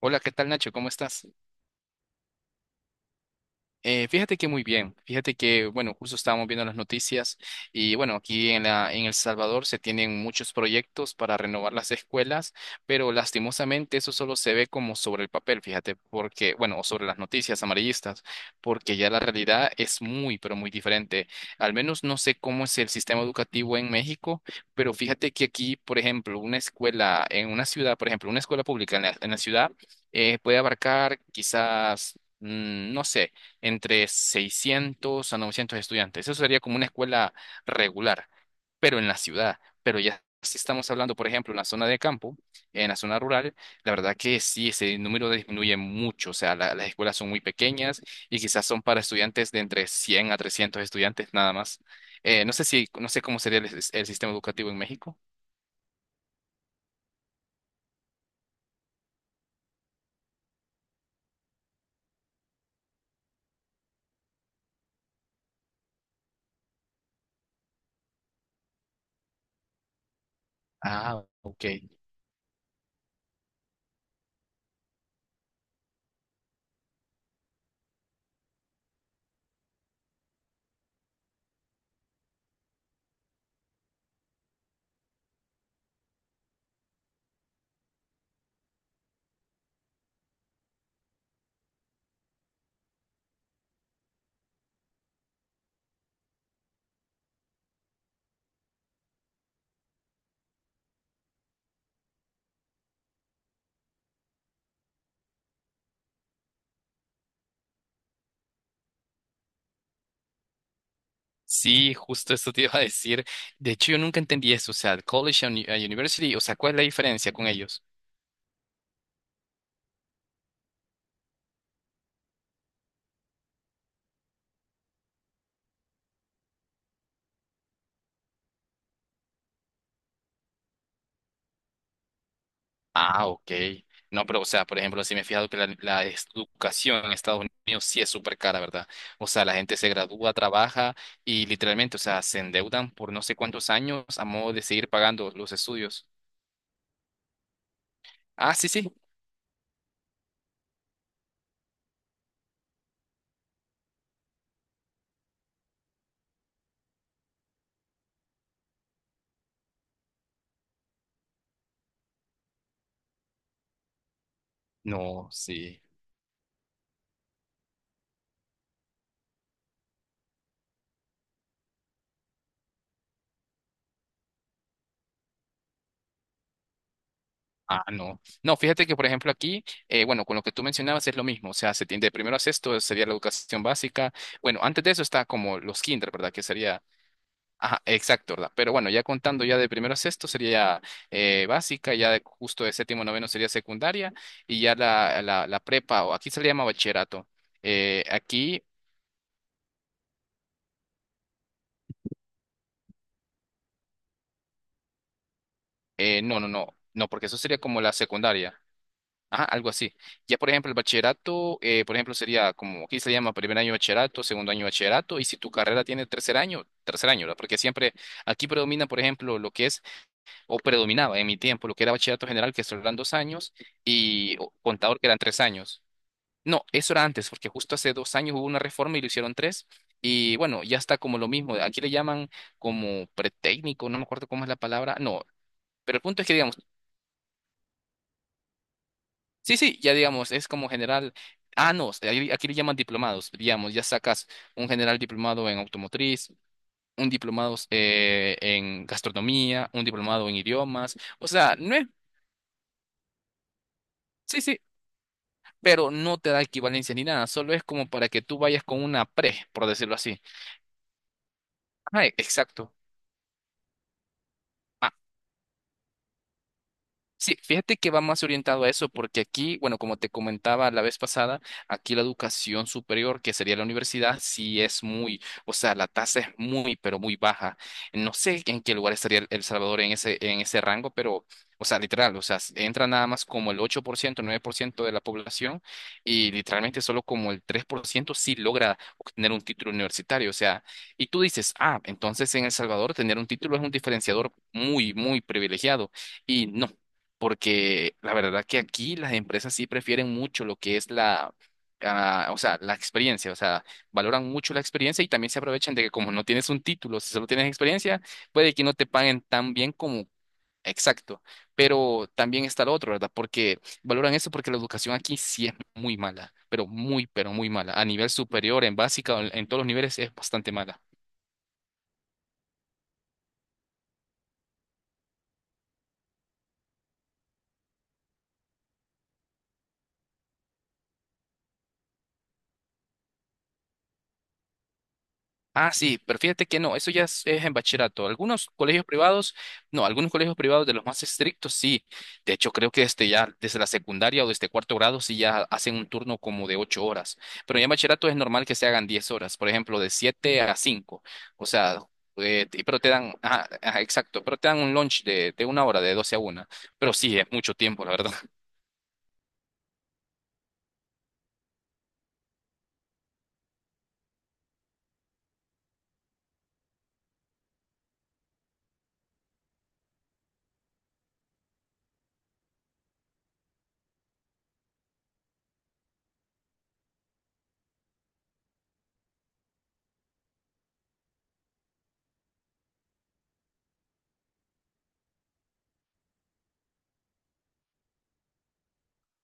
Hola, ¿qué tal Nacho? ¿Cómo estás? Fíjate que muy bien, fíjate que, bueno, justo estábamos viendo las noticias y bueno, aquí en El Salvador se tienen muchos proyectos para renovar las escuelas, pero lastimosamente eso solo se ve como sobre el papel, fíjate, porque, bueno, o sobre las noticias amarillistas, porque ya la realidad es muy, pero muy diferente. Al menos no sé cómo es el sistema educativo en México, pero fíjate que aquí, por ejemplo, una escuela en una ciudad, por ejemplo, una escuela pública en la ciudad, puede abarcar quizás, no sé, entre 600 a 900 estudiantes. Eso sería como una escuela regular, pero en la ciudad. Pero ya si estamos hablando, por ejemplo, en la zona de campo, en la zona rural, la verdad que sí, ese número disminuye mucho. O sea, las escuelas son muy pequeñas y quizás son para estudiantes de entre 100 a 300 estudiantes nada más. No sé cómo sería el sistema educativo en México. Ah, ok. Sí, justo eso te iba a decir. De hecho, yo nunca entendí eso. O sea, el college and university, o sea, ¿cuál es la diferencia con ellos? Ah, ok. No, pero, o sea, por ejemplo, sí me he fijado que la educación en Estados Unidos sí es súper cara, ¿verdad? O sea, la gente se gradúa, trabaja y literalmente, o sea, se endeudan por no sé cuántos años a modo de seguir pagando los estudios. Ah, sí, sí. No, sí. Ah, no. No, fíjate que, por ejemplo, aquí, bueno, con lo que tú mencionabas es lo mismo. O sea, se tiende de primero a sexto, sería la educación básica. Bueno, antes de eso está como los kinder, ¿verdad? Que sería. Ajá, exacto, ¿verdad? Pero bueno, ya contando ya de primero a sexto sería básica, ya justo de séptimo a noveno sería secundaria y ya la prepa, o aquí se le llama bachillerato. Aquí, no, no, no, no, porque eso sería como la secundaria. Ajá, algo así. Ya, por ejemplo, el bachillerato, por ejemplo, sería como aquí se llama primer año de bachillerato, segundo año de bachillerato, y si tu carrera tiene tercer año, ¿verdad? Porque siempre aquí predomina, por ejemplo, lo que es o predominaba en mi tiempo, lo que era bachillerato general, que solo eran dos años, y contador, que eran tres años. No, eso era antes, porque justo hace 2 años hubo una reforma y lo hicieron tres. Y bueno, ya está como lo mismo. Aquí le llaman como pretécnico, no me acuerdo cómo es la palabra. No, pero el punto es que digamos, sí, sí, ya digamos, es como general. Ah, no, aquí le llaman diplomados. Digamos, ya sacas un general diplomado en automotriz, un diplomado en gastronomía, un diplomado en idiomas. O sea, no es. Sí, sí, pero no te da equivalencia ni nada, solo es como para que tú vayas con una pre, por decirlo así. Ajá, exacto. Sí, fíjate que va más orientado a eso, porque aquí, bueno, como te comentaba la vez pasada, aquí la educación superior, que sería la universidad, sí es muy, o sea, la tasa es muy, pero muy baja. No sé en qué lugar estaría El Salvador en ese rango, pero, o sea, literal, o sea, entra nada más como el 8%, 9% de la población y literalmente solo como el 3% sí logra obtener un título universitario. O sea, y tú dices, ah, entonces en El Salvador tener un título es un diferenciador muy, muy privilegiado. Y no porque la verdad que aquí las empresas sí prefieren mucho lo que es o sea, la experiencia, o sea, valoran mucho la experiencia y también se aprovechan de que como no tienes un título, si solo tienes experiencia, puede que no te paguen tan bien como. Exacto, pero también está lo otro, ¿verdad? Porque valoran eso porque la educación aquí sí es muy mala, pero muy mala. A nivel superior, en básica, en todos los niveles es bastante mala. Ah, sí, pero fíjate que no, eso ya es en bachillerato. Algunos colegios privados, no, algunos colegios privados de los más estrictos, sí. De hecho, creo que este ya desde la secundaria o desde cuarto grado sí ya hacen un turno como de 8 horas. Pero ya en bachillerato es normal que se hagan 10 horas, por ejemplo, de siete a cinco. O sea, pero te dan, ajá, ajá, exacto, pero te dan un lunch de una hora, de doce a una. Pero sí, es mucho tiempo, la verdad.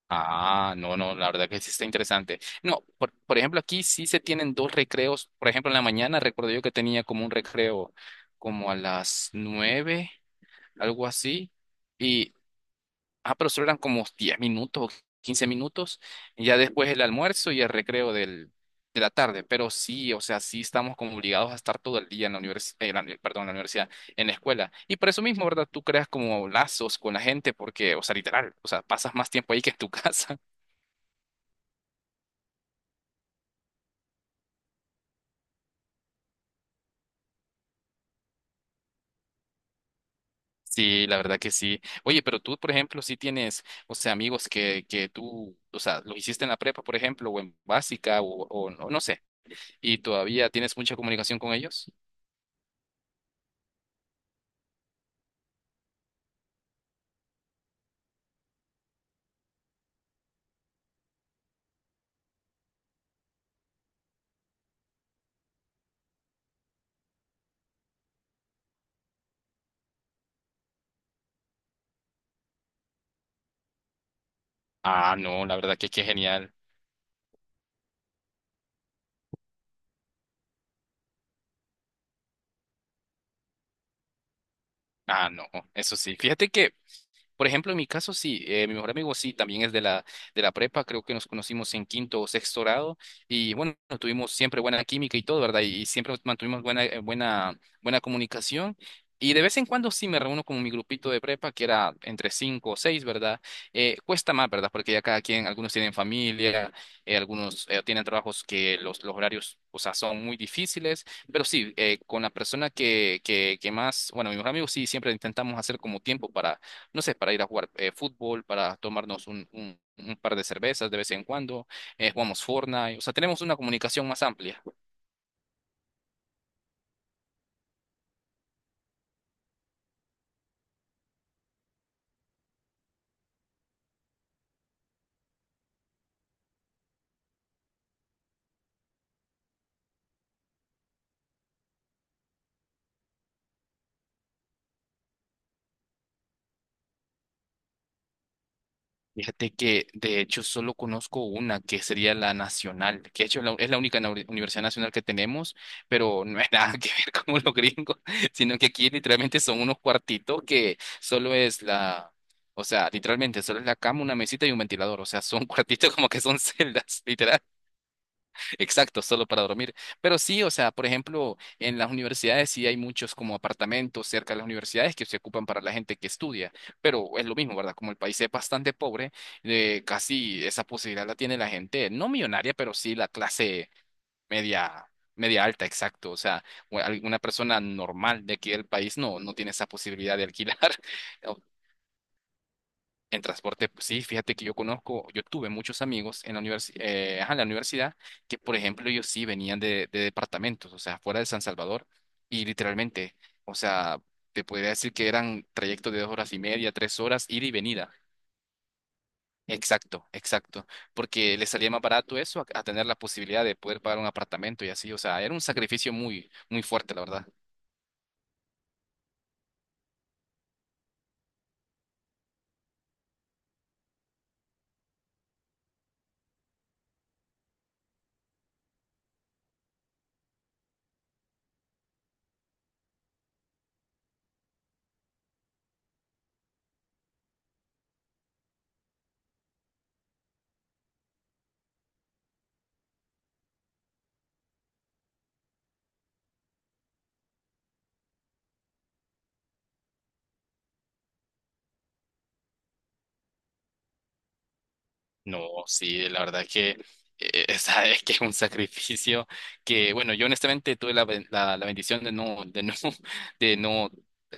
Ah, no, no, la verdad que sí está interesante. No, por ejemplo, aquí sí se tienen dos recreos. Por ejemplo, en la mañana recuerdo yo que tenía como un recreo como a las nueve, algo así. Y, pero solo eran como 10 minutos o 15 minutos. Y ya después el almuerzo y el recreo del, de la tarde. Pero sí, o sea, sí estamos como obligados a estar todo el día en la universidad, perdón, en la universidad, en la escuela. Y por eso mismo, ¿verdad? Tú creas como lazos con la gente porque, o sea, literal, o sea, pasas más tiempo ahí que en tu casa. Sí, la verdad que sí. Oye, pero tú, por ejemplo, sí tienes, o sea, amigos que tú, o sea, lo hiciste en la prepa, por ejemplo, o en básica, o no, no sé, y todavía tienes mucha comunicación con ellos. Ah, no, la verdad que qué genial. Ah, no, eso sí. Fíjate que, por ejemplo, en mi caso, sí, mi mejor amigo sí, también es de la prepa, creo que nos conocimos en quinto o sexto grado y bueno, tuvimos siempre buena química y todo, ¿verdad? Y siempre mantuvimos buena comunicación. Y de vez en cuando sí me reúno con mi grupito de prepa, que era entre cinco o seis, ¿verdad? Cuesta más, ¿verdad? Porque ya cada quien, algunos tienen familia, algunos tienen trabajos que los horarios, o sea, son muy difíciles. Pero sí, con la persona que más, bueno, mi mejor amigo sí, siempre intentamos hacer como tiempo para no sé, para ir a jugar fútbol, para tomarnos un par de cervezas de vez en cuando, jugamos Fortnite, o sea, tenemos una comunicación más amplia. Fíjate que de hecho solo conozco una que sería la nacional, que de hecho es la única universidad nacional que tenemos, pero no es nada que ver con los gringos, sino que aquí literalmente son unos cuartitos que solo es la... O sea, literalmente solo es la cama, una mesita y un ventilador. O sea, son cuartitos como que son celdas, literal. Exacto, solo para dormir. Pero sí, o sea, por ejemplo, en las universidades sí hay muchos como apartamentos cerca de las universidades que se ocupan para la gente que estudia, pero es lo mismo, ¿verdad? Como el país es bastante pobre, casi esa posibilidad la tiene la gente, no millonaria, pero sí la clase media, media alta, exacto. O sea, alguna persona normal de aquí del país no tiene esa posibilidad de alquilar. En transporte, pues, sí, fíjate que yo conozco, yo tuve muchos amigos en la ajá, en la universidad que, por ejemplo, ellos sí venían de departamentos, o sea, fuera de San Salvador, y literalmente, o sea, te podría decir que eran trayectos de 2 horas y media, 3 horas, ida y venida. Exacto, exacto, porque les salía más barato eso a tener la posibilidad de poder pagar un apartamento y así, o sea, era un sacrificio muy, muy fuerte, la verdad. No, sí, la verdad que esa que es un sacrificio que, bueno, yo honestamente tuve la bendición de no, de no,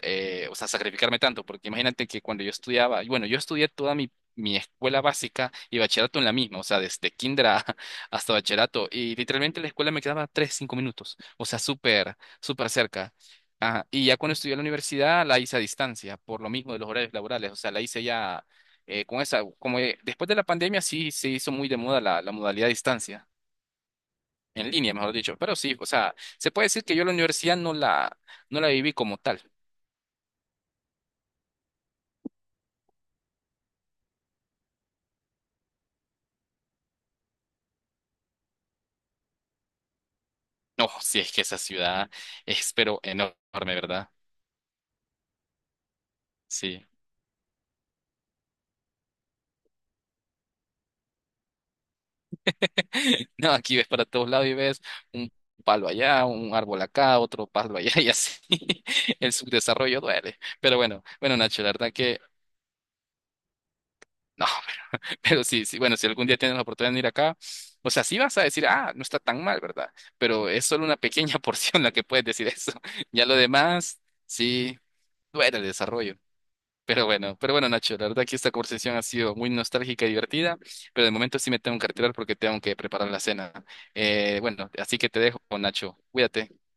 eh, o sea, sacrificarme tanto, porque imagínate que cuando yo estudiaba, y bueno, yo estudié toda mi escuela básica y bachillerato en la misma, o sea, desde kinder hasta bachillerato, y literalmente la escuela me quedaba tres, cinco minutos, o sea, súper, súper cerca. Ajá, y ya cuando estudié en la universidad la hice a distancia, por lo mismo de los horarios laborales, o sea, la hice ya con esa, como después de la pandemia sí se hizo muy de moda la modalidad a distancia, en línea, mejor dicho, pero sí, o sea, se puede decir que yo la universidad no la viví como tal. No, sí, es que esa ciudad es pero enorme, ¿verdad? Sí. No, aquí ves para todos lados y ves un palo allá, un árbol acá, otro palo allá y así. El subdesarrollo duele. Pero bueno, bueno, Nacho, la verdad que no. Pero sí, sí, bueno, si algún día tienes la oportunidad de venir acá, o sea, sí vas a decir, ah, no está tan mal, ¿verdad? Pero es solo una pequeña porción la que puedes decir eso. Ya lo demás, sí, duele el desarrollo. Pero bueno, Nacho, la verdad que esta conversación ha sido muy nostálgica y divertida, pero de momento sí me tengo que retirar porque tengo que preparar la cena. Bueno, así que te dejo, Nacho, cuídate.